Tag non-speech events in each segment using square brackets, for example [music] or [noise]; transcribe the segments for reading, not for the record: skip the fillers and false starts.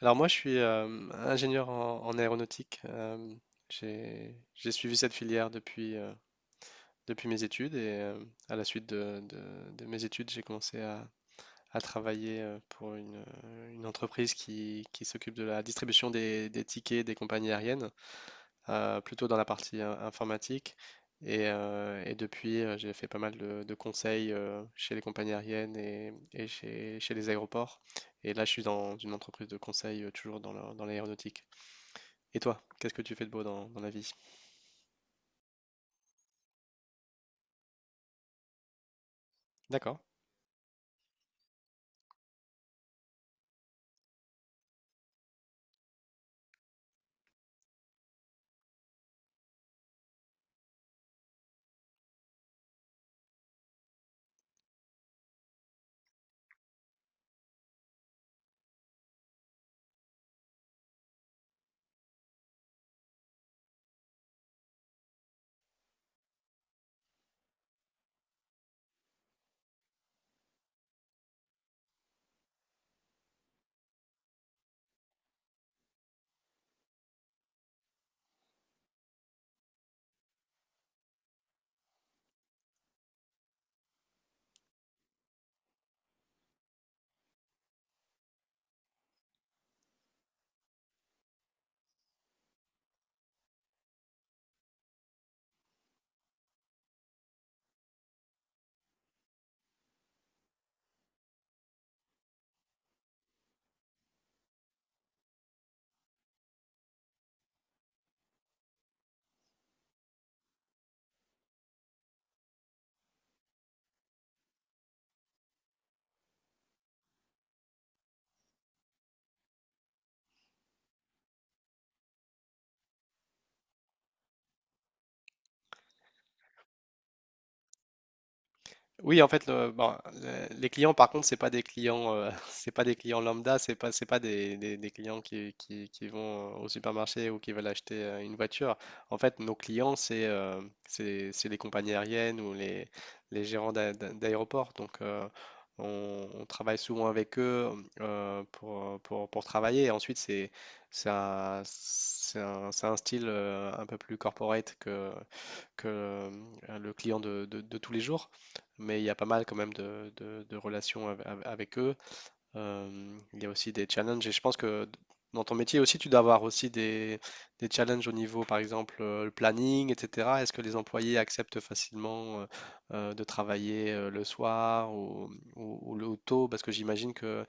Alors moi, je suis ingénieur en aéronautique. J'ai suivi cette filière depuis mes études et à la suite de mes études, j'ai commencé à travailler pour une entreprise qui s'occupe de la distribution des tickets des compagnies aériennes plutôt dans la partie informatique. Et depuis, j'ai fait pas mal de conseils chez les compagnies aériennes et chez les aéroports. Et là, je suis dans une entreprise de conseil, toujours dans dans l'aéronautique. Et toi, qu'est-ce que tu fais de beau dans la vie? D'accord. Oui, en fait, bon, les clients, par contre, c'est pas des clients, [laughs] c'est pas des clients lambda, c'est pas des clients qui vont au supermarché ou qui veulent acheter une voiture. En fait, nos clients, c'est les compagnies aériennes ou les gérants d'aéroports. Donc, on travaille souvent avec eux, pour travailler. Et ensuite, c'est un style un peu plus corporate que le client de tous les jours, mais il y a pas mal quand même de relations avec eux. Il y a aussi des challenges et je pense que dans ton métier aussi, tu dois avoir aussi des challenges au niveau, par exemple, le planning, etc. Est-ce que les employés acceptent facilement de travailler le soir, ou le ou tôt? Parce que j'imagine que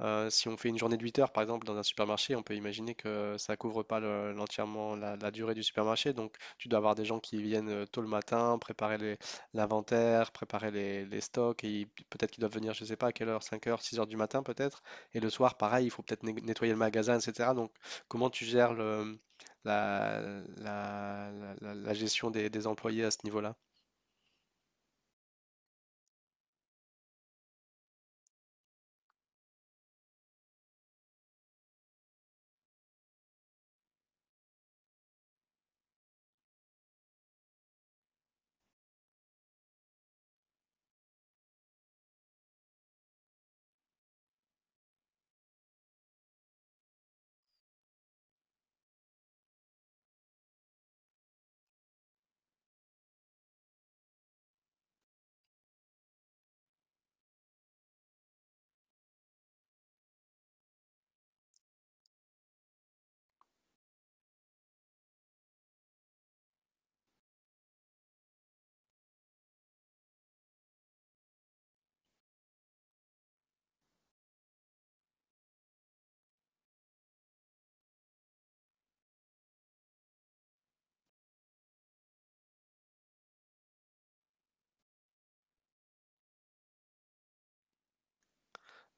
si on fait une journée de 8 heures, par exemple, dans un supermarché, on peut imaginer que ça couvre pas l'entièrement la durée du supermarché. Donc, tu dois avoir des gens qui viennent tôt le matin, préparer l'inventaire, préparer les stocks, et peut-être qu'ils doivent venir, je ne sais pas à quelle heure, 5 heures, 6 heures du matin peut-être, et le soir, pareil, il faut peut-être nettoyer le magasin, etc. Donc, comment tu gères le, la, la- la- la gestion des employés à ce niveau-là?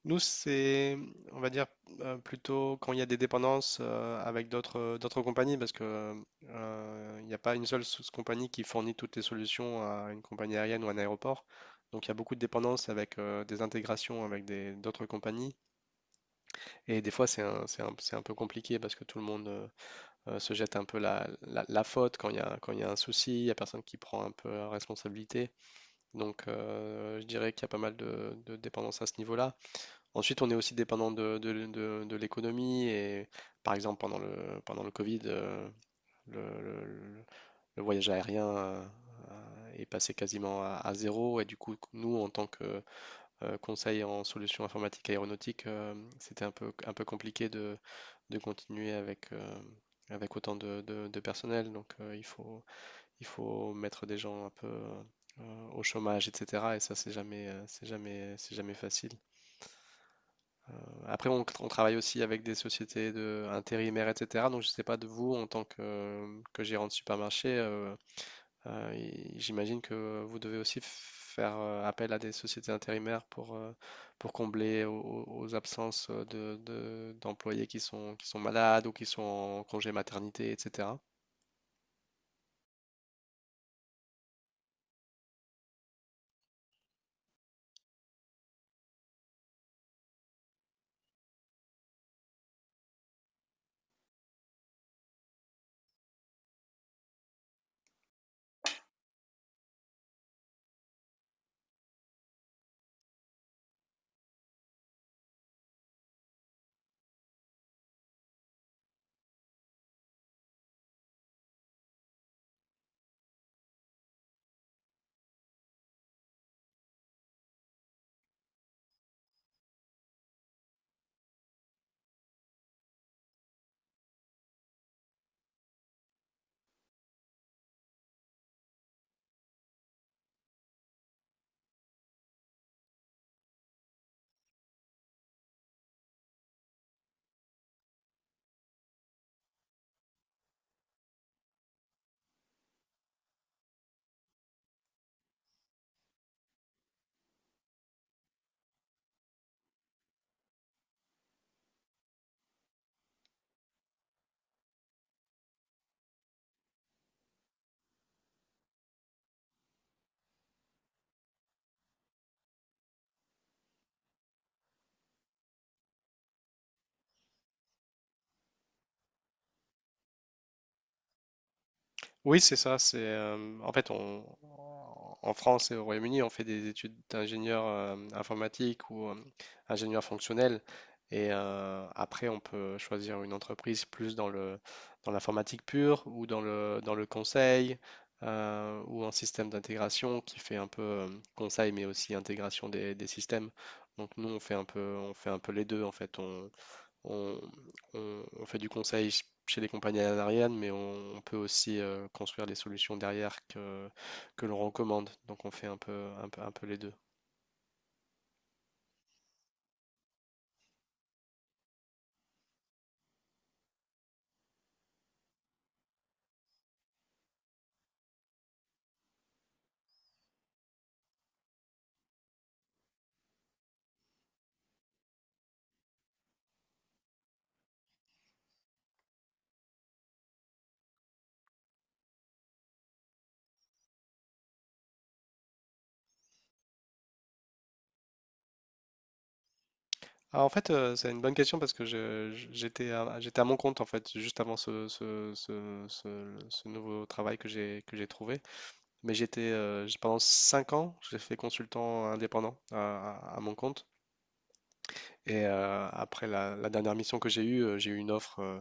Nous, c'est, on va dire, plutôt quand il y a des dépendances avec d'autres compagnies, parce que il n'y a pas une seule sous- compagnie qui fournit toutes les solutions à une compagnie aérienne ou à un aéroport. Donc il y a beaucoup de dépendances avec, des intégrations avec d'autres compagnies. Et des fois, c'est un peu compliqué parce que tout le monde se jette un peu la faute quand il y a, quand il y a un souci, il n'y a personne qui prend un peu la responsabilité. Donc, je dirais qu'il y a pas mal de dépendance à ce niveau-là. Ensuite, on est aussi dépendant de l'économie et par exemple, pendant le Covid, le, le- le- le voyage aérien, est passé quasiment à zéro et du coup, nous, en tant que conseil en solutions informatiques aéronautiques, c'était un peu compliqué de continuer avec autant de personnel. Donc, il faut mettre des gens un peu au chômage, etc. Et ça, c'est jamais facile. Après, on travaille aussi avec des sociétés de intérimaires, etc. Donc, je ne sais pas de vous, en tant que gérant de supermarché, et j'imagine que vous devez aussi faire appel à des sociétés intérimaires pour combler aux absences d'employés qui sont malades ou qui sont en congé maternité, etc. Oui, c'est ça. C'est, en fait, on, en France et au Royaume-Uni, on fait des études d'ingénieur informatique ou ingénieur fonctionnel. Et après, on peut choisir une entreprise plus dans l'informatique pure ou dans le conseil, ou en système d'intégration qui fait un peu conseil mais aussi intégration des systèmes. Donc nous, on fait un peu les deux en fait. On, on fait du conseil chez les compagnies aériennes, mais on peut aussi construire des solutions derrière que l'on recommande. Donc on fait un peu les deux. Ah, en fait, c'est une bonne question parce que j'étais j'étais à mon compte en fait juste avant ce nouveau travail que j'ai trouvé. Mais j'étais pendant 5 ans, j'ai fait consultant indépendant à mon compte. Et après la dernière mission que j'ai eue, j'ai eu une offre euh,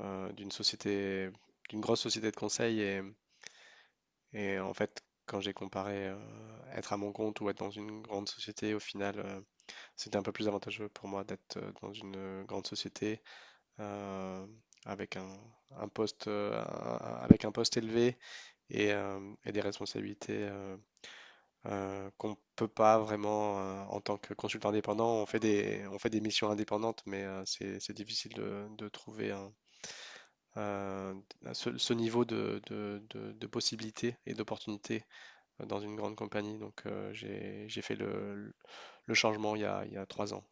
euh, d'une société, d'une grosse société de conseil et en fait, quand j'ai comparé être à mon compte ou être dans une grande société, au final, c'était un peu plus avantageux pour moi d'être, dans une grande société, euh, avec un poste, avec un poste élevé et et des responsabilités, qu'on peut pas vraiment en tant que consultant indépendant. On fait des missions indépendantes, mais c'est difficile de trouver un, euh, ce niveau de possibilités et d'opportunités dans une grande compagnie. Donc, j'ai fait le changement il y a 3 ans.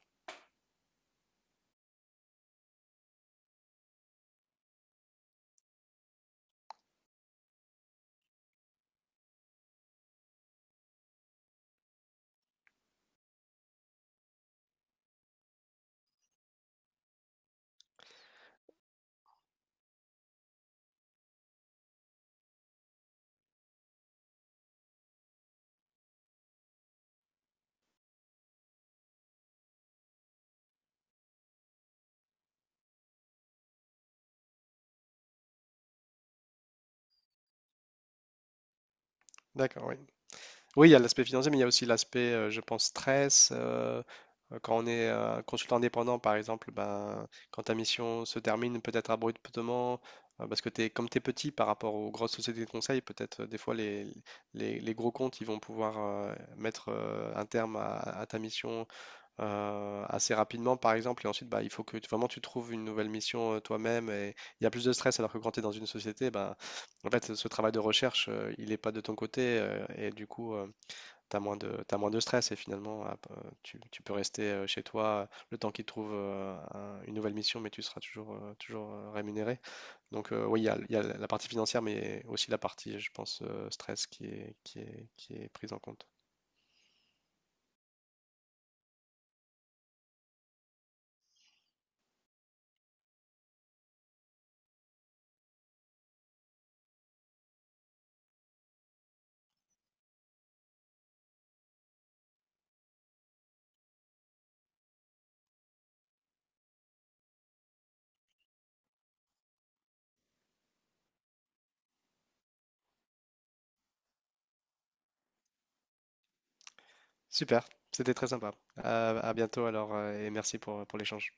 D'accord, oui. Oui, il y a l'aspect financier, mais il y a aussi l'aspect, je pense, stress. Quand on est consultant indépendant, par exemple, ben, quand ta mission se termine peut-être abruptement, parce que t'es, comme tu es petit par rapport aux grosses sociétés de conseil, peut-être des fois les gros comptes, ils vont pouvoir mettre un terme à ta mission, assez rapidement, par exemple. Et ensuite, bah, il faut que vraiment tu trouves une nouvelle mission, toi-même. Et il y a plus de stress, alors que quand tu es dans une société, bah, en fait, ce travail de recherche, il n'est pas de ton côté, et du coup, tu as moins de, t'as moins de stress. Et finalement, ah, bah, tu peux rester chez toi le temps qu'ils trouvent une nouvelle mission, mais tu seras toujours rémunéré. Donc, oui, il y a la partie financière, mais aussi la partie, je pense, stress qui est prise en compte. Super, c'était très sympa. À bientôt alors, et merci pour l'échange.